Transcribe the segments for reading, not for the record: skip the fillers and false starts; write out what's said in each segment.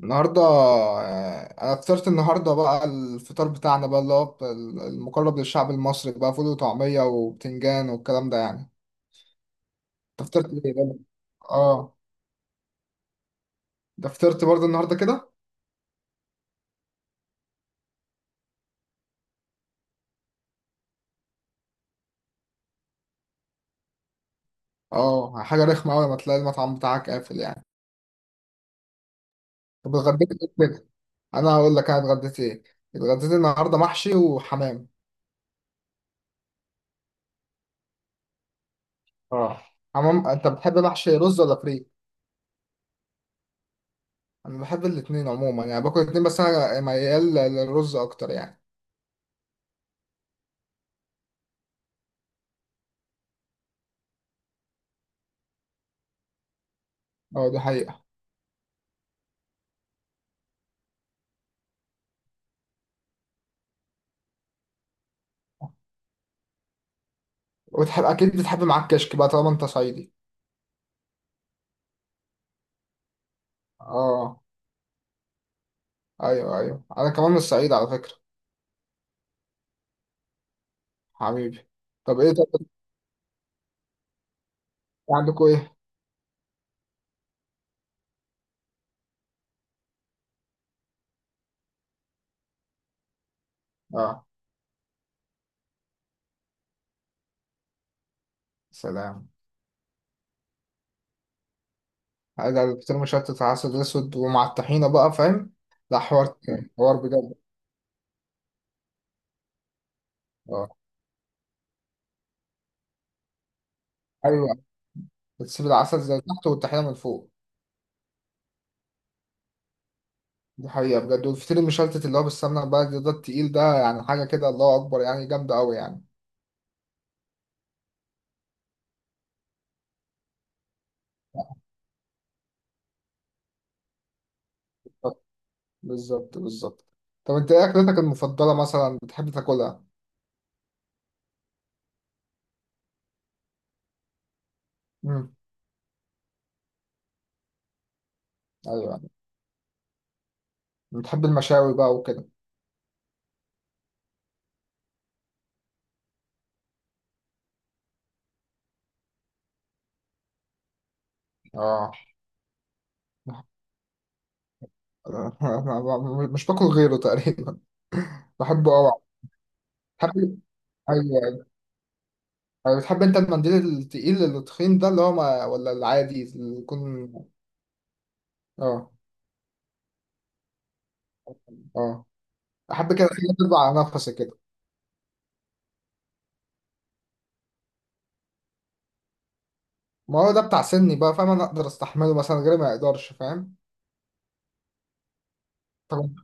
النهارده انا فطرت النهارده بقى الفطار بتاعنا بقى اللي هو بتاع المقرب للشعب المصري بقى فول وطعميه وبتنجان والكلام ده يعني. انت فطرت ايه بقى؟ اه، ده فطرت برضه النهارده كده. اه حاجه رخمه قوي لما تلاقي المطعم بتاعك قافل يعني. طب اتغديت ايه كده؟ انا هقول لك انا اتغديت ايه. اتغديت النهارده محشي وحمام. اه حمام انت بتحب محشي رز ولا فريك؟ انا بحب الاتنين عموما يعني باكل الاتنين، بس انا ميال للرز اكتر يعني. اه دي حقيقة. وتحب اكيد بتحب معاك كشك بقى طالما انت صعيدي. اه. ايوه ايوه انا كمان من الصعيد على فكره. حبيبي. طب ايه طب عندكم ايه؟ اه. سلام. هذا الفطير مشلتت على عسل اسود ومع الطحينه بقى فاهم. لا حوار تاني، حوار بجد. اه. ايوه. بتسيب العسل زي تحت والطحينه من فوق. دي حقيقه بجد، والفطير المشلتت اللي هو بالسمنه بقى ده ده التقيل ده يعني حاجه كده، الله اكبر يعني جامده قوي يعني. بالظبط بالظبط. طب انت ايه اكلتك المفضله مثلا بتحب تاكلها؟ امم ايوه بتحب المشاوي بقى وكده؟ اه. مش باكل غيره تقريبا، بحبه قوي. بتحب. ايوه أيوة. يعني بتحب انت المنديل التقيل التخين ده اللي هو ما... ولا العادي اللي يكون؟ اه اه. احب كده حاجه تطلع على نفسي كده. ما هو ده بتاع سني بقى فاهم، انا اقدر استحمله مثلا غيري ما يقدرش فاهم. طبعا.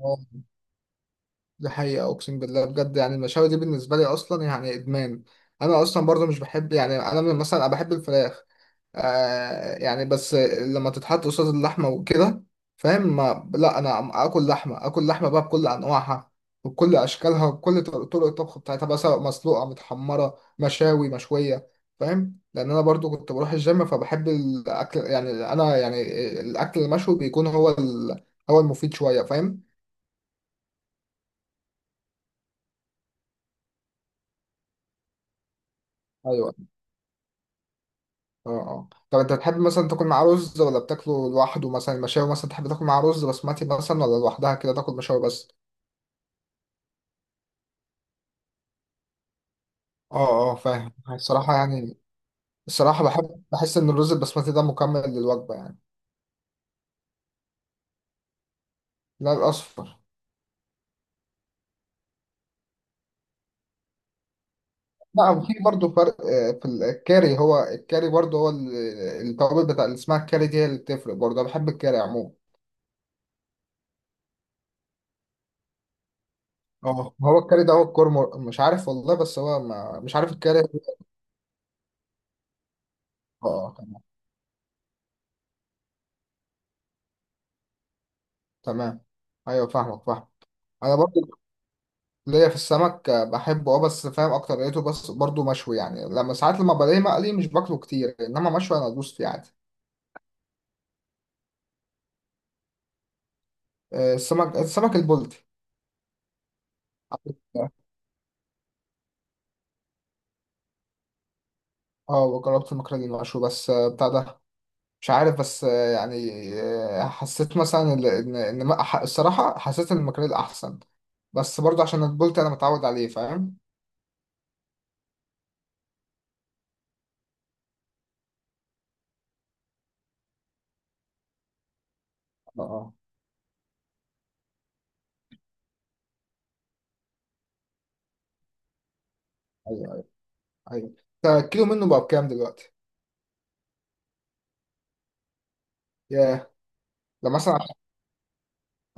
آه، دي حقيقه اقسم بالله بجد، يعني المشاوي دي بالنسبه لي اصلا يعني ادمان. انا اصلا برضو مش بحب يعني انا مثلا انا بحب الفراخ آه يعني، بس لما تتحط قصاد اللحمة وكده فاهم. ما لا انا اكل لحمة، اكل لحمة بقى بكل انواعها وبكل اشكالها وبكل طرق الطبخ بتاعتها بقى، سواء مسلوقة متحمرة مشاوي مشوية فاهم. لان انا برضو كنت بروح الجيم فبحب الاكل يعني انا يعني الاكل المشوي بيكون هو هو المفيد شوية فاهم. ايوه. اه اه طب انت بتحب مثلا تاكل معاه رز ولا بتاكله لوحده؟ مثلا المشاوي مثلا تحب تاكل معاه رز بسمتي، مثلا ولا لوحدها كده تاكل مشاوي بس؟ اه اه فاهم الصراحة يعني. الصراحة بحب بحس إن الرز البسمتي ده مكمل للوجبة يعني. لا الأصفر. لا وفي برضه فرق، في الكاري، هو الكاري برضه هو التوابل بتاع اللي اسمها الكاري دي هي اللي بتفرق برضه. أنا بحب الكاري عموما. اه هو الكاري ده هو الكرمر مش عارف والله، بس هو ما مش عارف الكاري اه. آه، تمام. تمام. أيوه فاهمك فاهم. أنا برضه ليا في السمك بحبه اه، بس فاهم أكتر لقيته بس برضه مشوي يعني، لما ساعات لما بلاقيه مقلي مش باكله كتير، إنما مشوي أنا أدوس فيه عادي. آه، السمك السمك البلطي. اه جربت المكرونه المشوي بس بتاع ده مش عارف، بس يعني حسيت مثلا ال- ان ان ما- ح- الصراحه حسيت ان المكرونه احسن، بس برضه عشان البولت انا متعود عليه فاهم. اه اه. ايوه ايوه أنت الكيلو منه بقى بكام دلوقتي؟ ياه. ده مثلا عشان-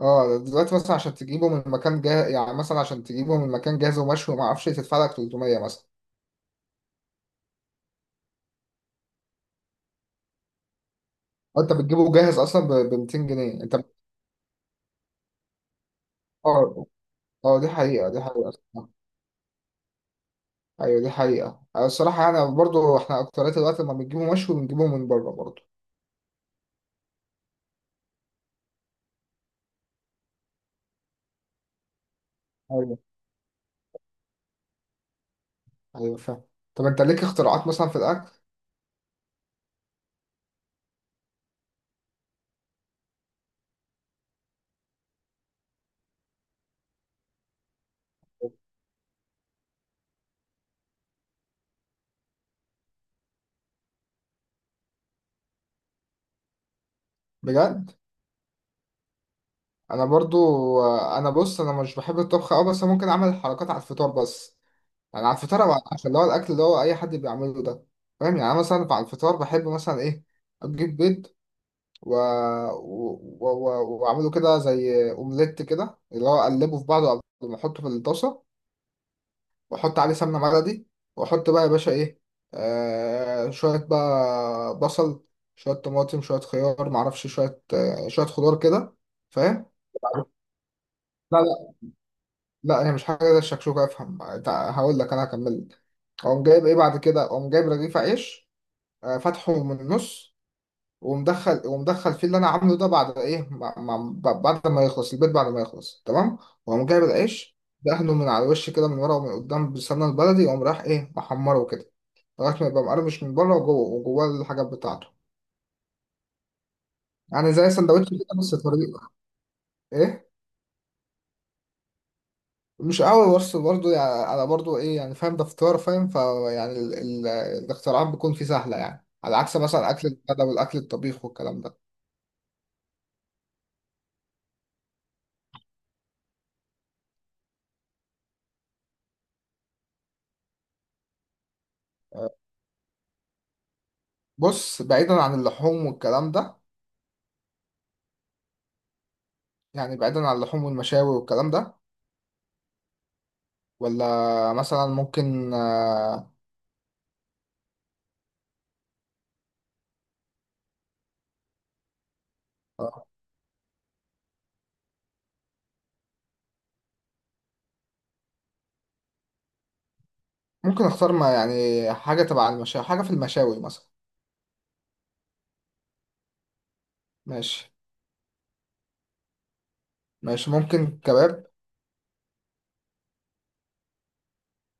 اه دلوقتي مثلا عشان تجيبه من مكان جاهز يعني، مثلا عشان تجيبه من مكان جاهز ومشوي وما اعرفش إيه، تدفع لك 300 مثلا. أو انت بتجيبه جاهز اصلا ب 200 جنيه انت؟ اه اه. دي حقيقه دي حقيقه. ايوه دي حقيقة، أنا الصراحة يعني برضو احنا اكترية الوقت لما بنجيبه مشوي بنجيبه من بره برضو. ايوه ايوه فاهم. طب انت ليك اختراعات مثلا في الاكل؟ بجد. انا برضو انا بص انا مش بحب الطبخ قوي، بس ممكن اعمل حركات على الفطار بس. يعني على الفطار او على العشاء اللي هو الاكل اللي هو اي حد بيعمله ده فاهم. يعني انا مثلا على الفطار بحب مثلا ايه، اجيب بيض و... و... و... و واعمله كده زي اومليت كده، اللي هو اقلبه في بعضه قبل ما احطه في الطاسة، واحط عليه سمنه بلدي، واحط بقى يا باشا ايه، آه شويه بقى بصل، شويه طماطم، شويه خيار معرفش، شويه آه شويه خضار كده فاهم. لا لا. لا هي مش حاجه زي الشكشوكه افهم هقول لك انا هكمل. اقوم جايب ايه بعد كده، اقوم جايب رغيف عيش آه فاتحه من النص، ومدخل ومدخل فيه اللي انا عامله ده بعد ايه بعد ما يخلص البيت، بعد ما يخلص تمام، واقوم جايب العيش دهنه من على الوش كده، من ورا ومن قدام بالسمنه البلدي، واقوم رايح ايه محمره كده لغاية ما يبقى مقرمش من بره وجوه، وجواه الحاجات بتاعته. يعني زي سندوتش كده بس طريقة ايه. مش قوي، بس برضه يعني انا برضه ايه يعني فاهم ده فطار فاهم فيعني الاختراعات بتكون فيه سهلة يعني، على عكس مثلا اكل الغدا والاكل الطبيخ والكلام ده. بص بعيدا عن اللحوم والكلام ده، يعني بعيدا عن اللحوم والمشاوي والكلام ده، ولا مثلا ممكن آه،. ممكن اختار ما يعني حاجة تبع المشاوي، حاجة في المشاوي مثلا. ماشي. ماشي ممكن كباب.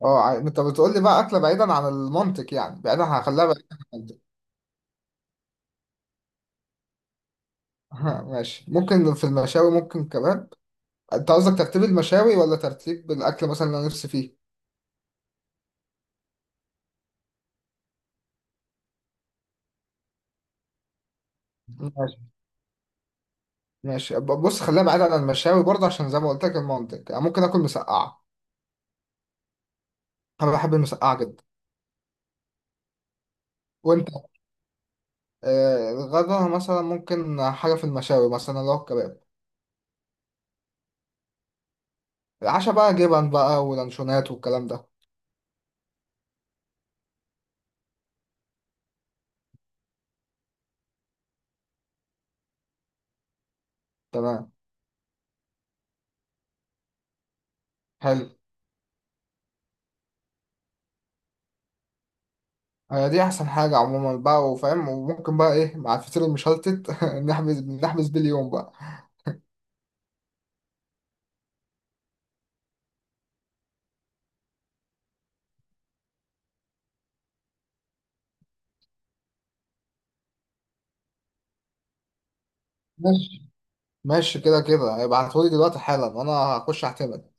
اه انت بتقول لي بقى اكله بعيدا عن المنطق يعني، بعيدا هخليها بعيدا عن المنطق. ها، ماشي ممكن في المشاوي ممكن كباب. انت قصدك ترتيب المشاوي ولا ترتيب الاكل مثلا اللي انا نفسي فيه؟ ماشي. ماشي بص خليها بعيدا عن المشاوي برضه، عشان زي ما قلت لك المنطق يعني، ممكن اكل مسقعه. انا بحب المسقعه جدا. وانت. آه الغدا مثلا ممكن حاجه في المشاوي مثلا اللي هو الكباب. العشاء بقى جبن بقى ولانشونات والكلام ده. تمام. حلو. هي دي احسن حاجه عموما بقى وفاهم، وممكن بقى ايه مع الفطير المشلتت نحبس بيه اليوم بقى. ماشي. ماشي كده كده ابعتهولي دلوقتي حالا انا هخش اعتمد